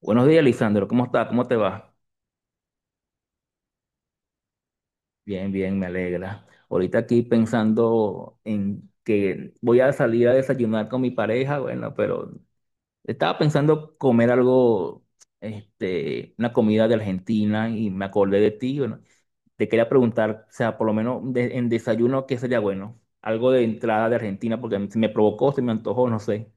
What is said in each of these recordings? Buenos días, Lisandro. ¿Cómo estás? ¿Cómo te va? Bien, bien, me alegra. Ahorita aquí pensando en que voy a salir a desayunar con mi pareja, bueno, pero estaba pensando comer algo, una comida de Argentina y me acordé de ti. Bueno, te quería preguntar, o sea, por lo menos en desayuno, ¿qué sería bueno? Algo de entrada de Argentina, porque se me provocó, se me antojó, no sé.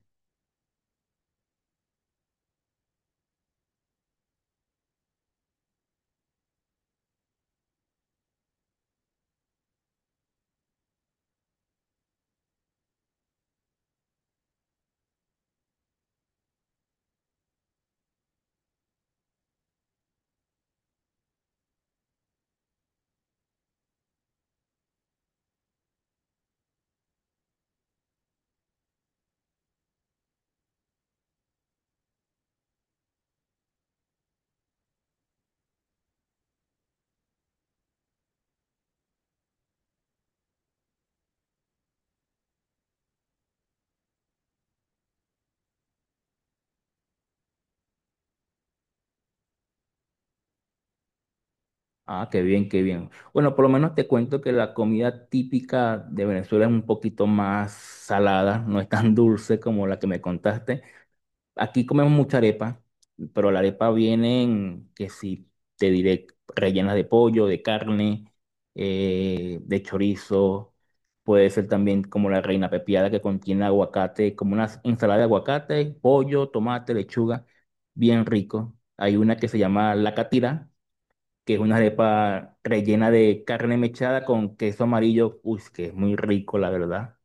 Ah, qué bien, qué bien. Bueno, por lo menos te cuento que la comida típica de Venezuela es un poquito más salada, no es tan dulce como la que me contaste. Aquí comemos mucha arepa, pero la arepa viene en, que si te diré, rellenas de pollo, de carne, de chorizo. Puede ser también como la reina pepiada, que contiene aguacate, como una ensalada de aguacate, pollo, tomate, lechuga, bien rico. Hay una que se llama la catira, que es una arepa rellena de carne mechada con queso amarillo, uy, que es muy rico, la verdad.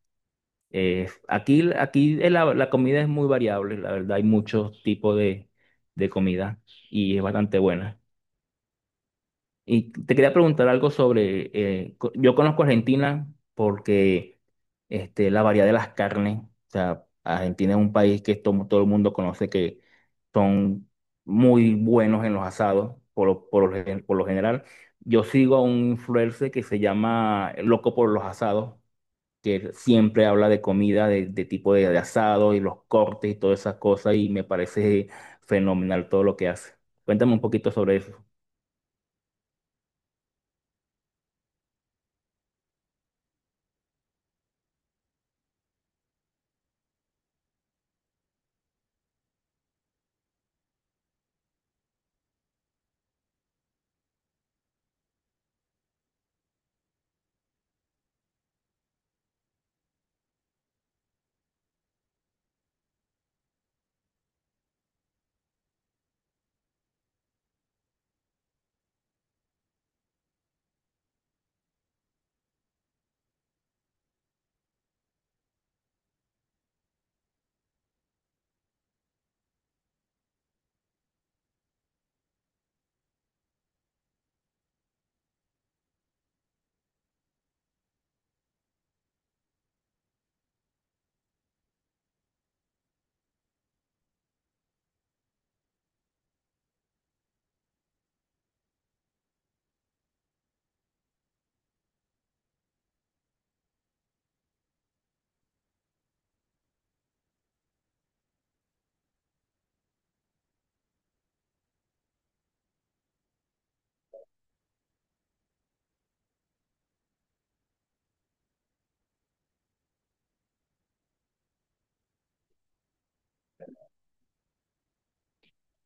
Aquí la comida es muy variable, la verdad, hay muchos tipos de comida y es bastante buena. Y te quería preguntar algo sobre, yo conozco Argentina porque la variedad de las carnes. O sea, Argentina es un país que todo el mundo conoce que son muy buenos en los asados, por lo general. Yo sigo a un influencer que se llama Loco por los Asados, que siempre habla de comida, de tipo de asado y los cortes y todas esas cosas, y me parece fenomenal todo lo que hace. Cuéntame un poquito sobre eso.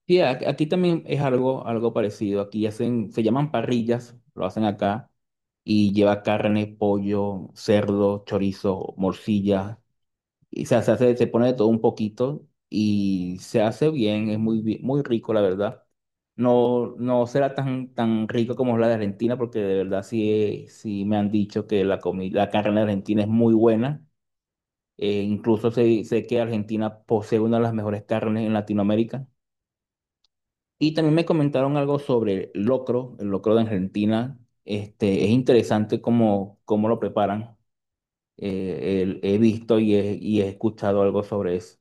Sí, aquí también es algo, algo parecido. Aquí hacen, se llaman parrillas, lo hacen acá, y lleva carne, pollo, cerdo, chorizo, morcilla. Se pone de todo un poquito y se hace bien, es muy rico, la verdad. No, no será tan, tan rico como la de Argentina, porque de verdad sí, sí me han dicho que la comida, la carne de Argentina es muy buena. Incluso sé, sé que Argentina posee una de las mejores carnes en Latinoamérica. Y también me comentaron algo sobre el locro de Argentina. Este, es interesante cómo, cómo lo preparan. He visto y he escuchado algo sobre eso.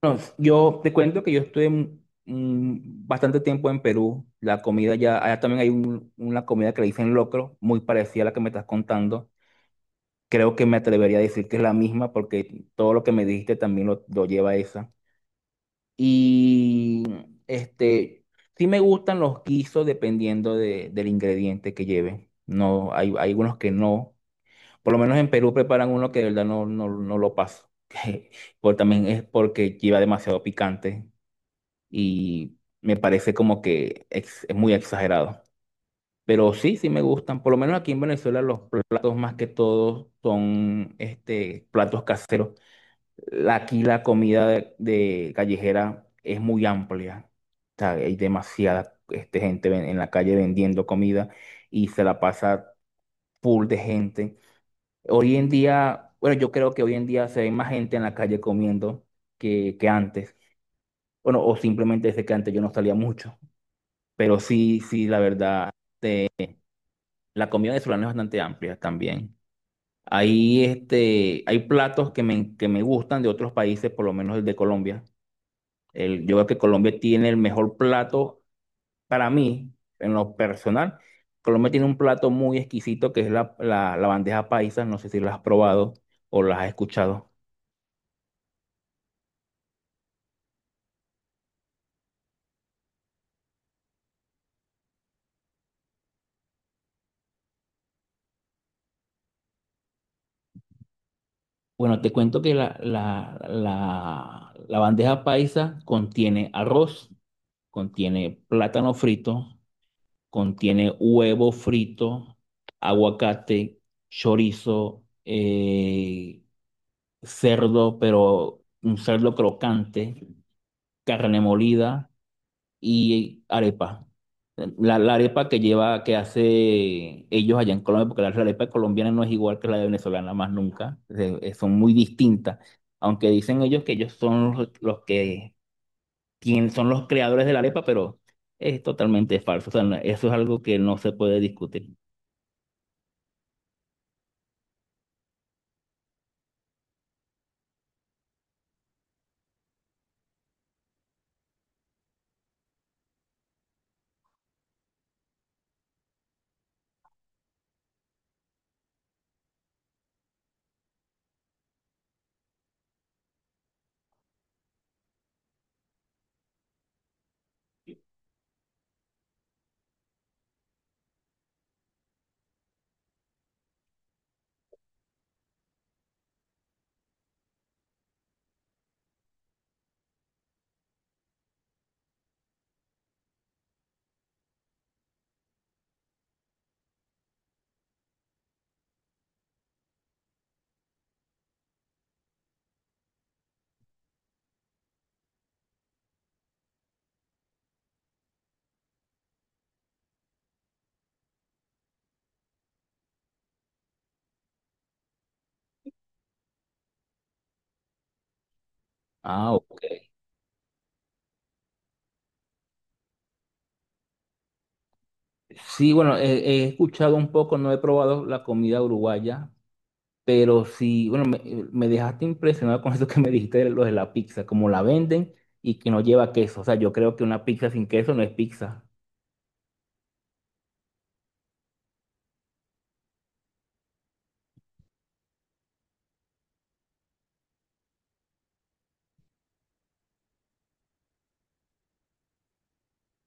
Bueno, yo te cuento que yo estuve bastante tiempo en Perú. La comida ya, allá también hay una comida que le dicen locro, muy parecida a la que me estás contando. Creo que me atrevería a decir que es la misma porque todo lo que me dijiste también lo lleva a esa. Y este, sí me gustan los guisos dependiendo del ingrediente que lleve. No, hay algunos que no. Por lo menos en Perú preparan uno que de verdad no, no, no lo paso. Por, también es porque lleva demasiado picante y me parece como que es muy exagerado. Pero sí, sí me gustan. Por lo menos aquí en Venezuela los platos más que todos son este, platos caseros Aquí la comida de callejera es muy amplia. O sea, hay demasiada este, gente en la calle vendiendo comida y se la pasa full de gente. Hoy en día, bueno, yo creo que hoy en día se ve más gente en la calle comiendo que antes. Bueno, o simplemente desde que antes yo no salía mucho. Pero sí, sí, la verdad, la comida venezolana es bastante amplia también. Hay, este, hay platos que me gustan de otros países, por lo menos el de Colombia. El, yo creo que Colombia tiene el mejor plato para mí, en lo personal. Colombia tiene un plato muy exquisito que es la, la- la bandeja paisa. No sé si la has probado o la has escuchado. Bueno, te cuento que la bandeja paisa contiene arroz, contiene plátano frito, contiene huevo frito, aguacate, chorizo, cerdo, pero un cerdo crocante, carne molida y arepa. La arepa que lleva, que hace ellos allá en Colombia, porque la arepa colombiana no es igual que la venezolana, más nunca, son muy distintas. Aunque dicen ellos que ellos son los que quien son los creadores de la arepa, pero es totalmente falso. O sea, eso es algo que no se puede discutir. Ah, ok. Sí, bueno, he escuchado un poco, no he probado la comida uruguaya. Pero sí, bueno, me dejaste impresionado con eso que me dijiste de lo de la pizza, como la venden y que no lleva queso. O sea, yo creo que una pizza sin queso no es pizza.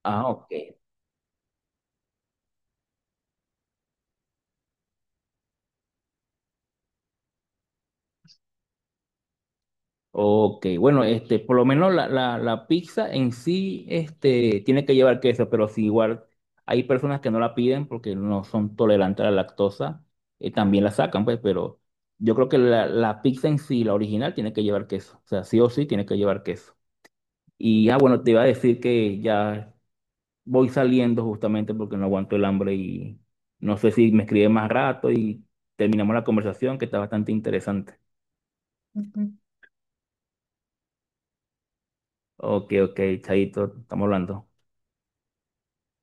Ah, ok. Ok, bueno, este, por lo menos la pizza en sí, este, tiene que llevar queso, pero si igual hay personas que no la piden porque no son tolerantes a la lactosa, también la sacan, pues, pero yo creo que la pizza en sí, la original, tiene que llevar queso. O sea, sí o sí tiene que llevar queso. Y ah, bueno, te iba a decir que ya voy saliendo justamente porque no aguanto el hambre y no sé si me escribe más rato y terminamos la conversación, que está bastante interesante. Ujú. Ok, ok, Chaito, estamos hablando.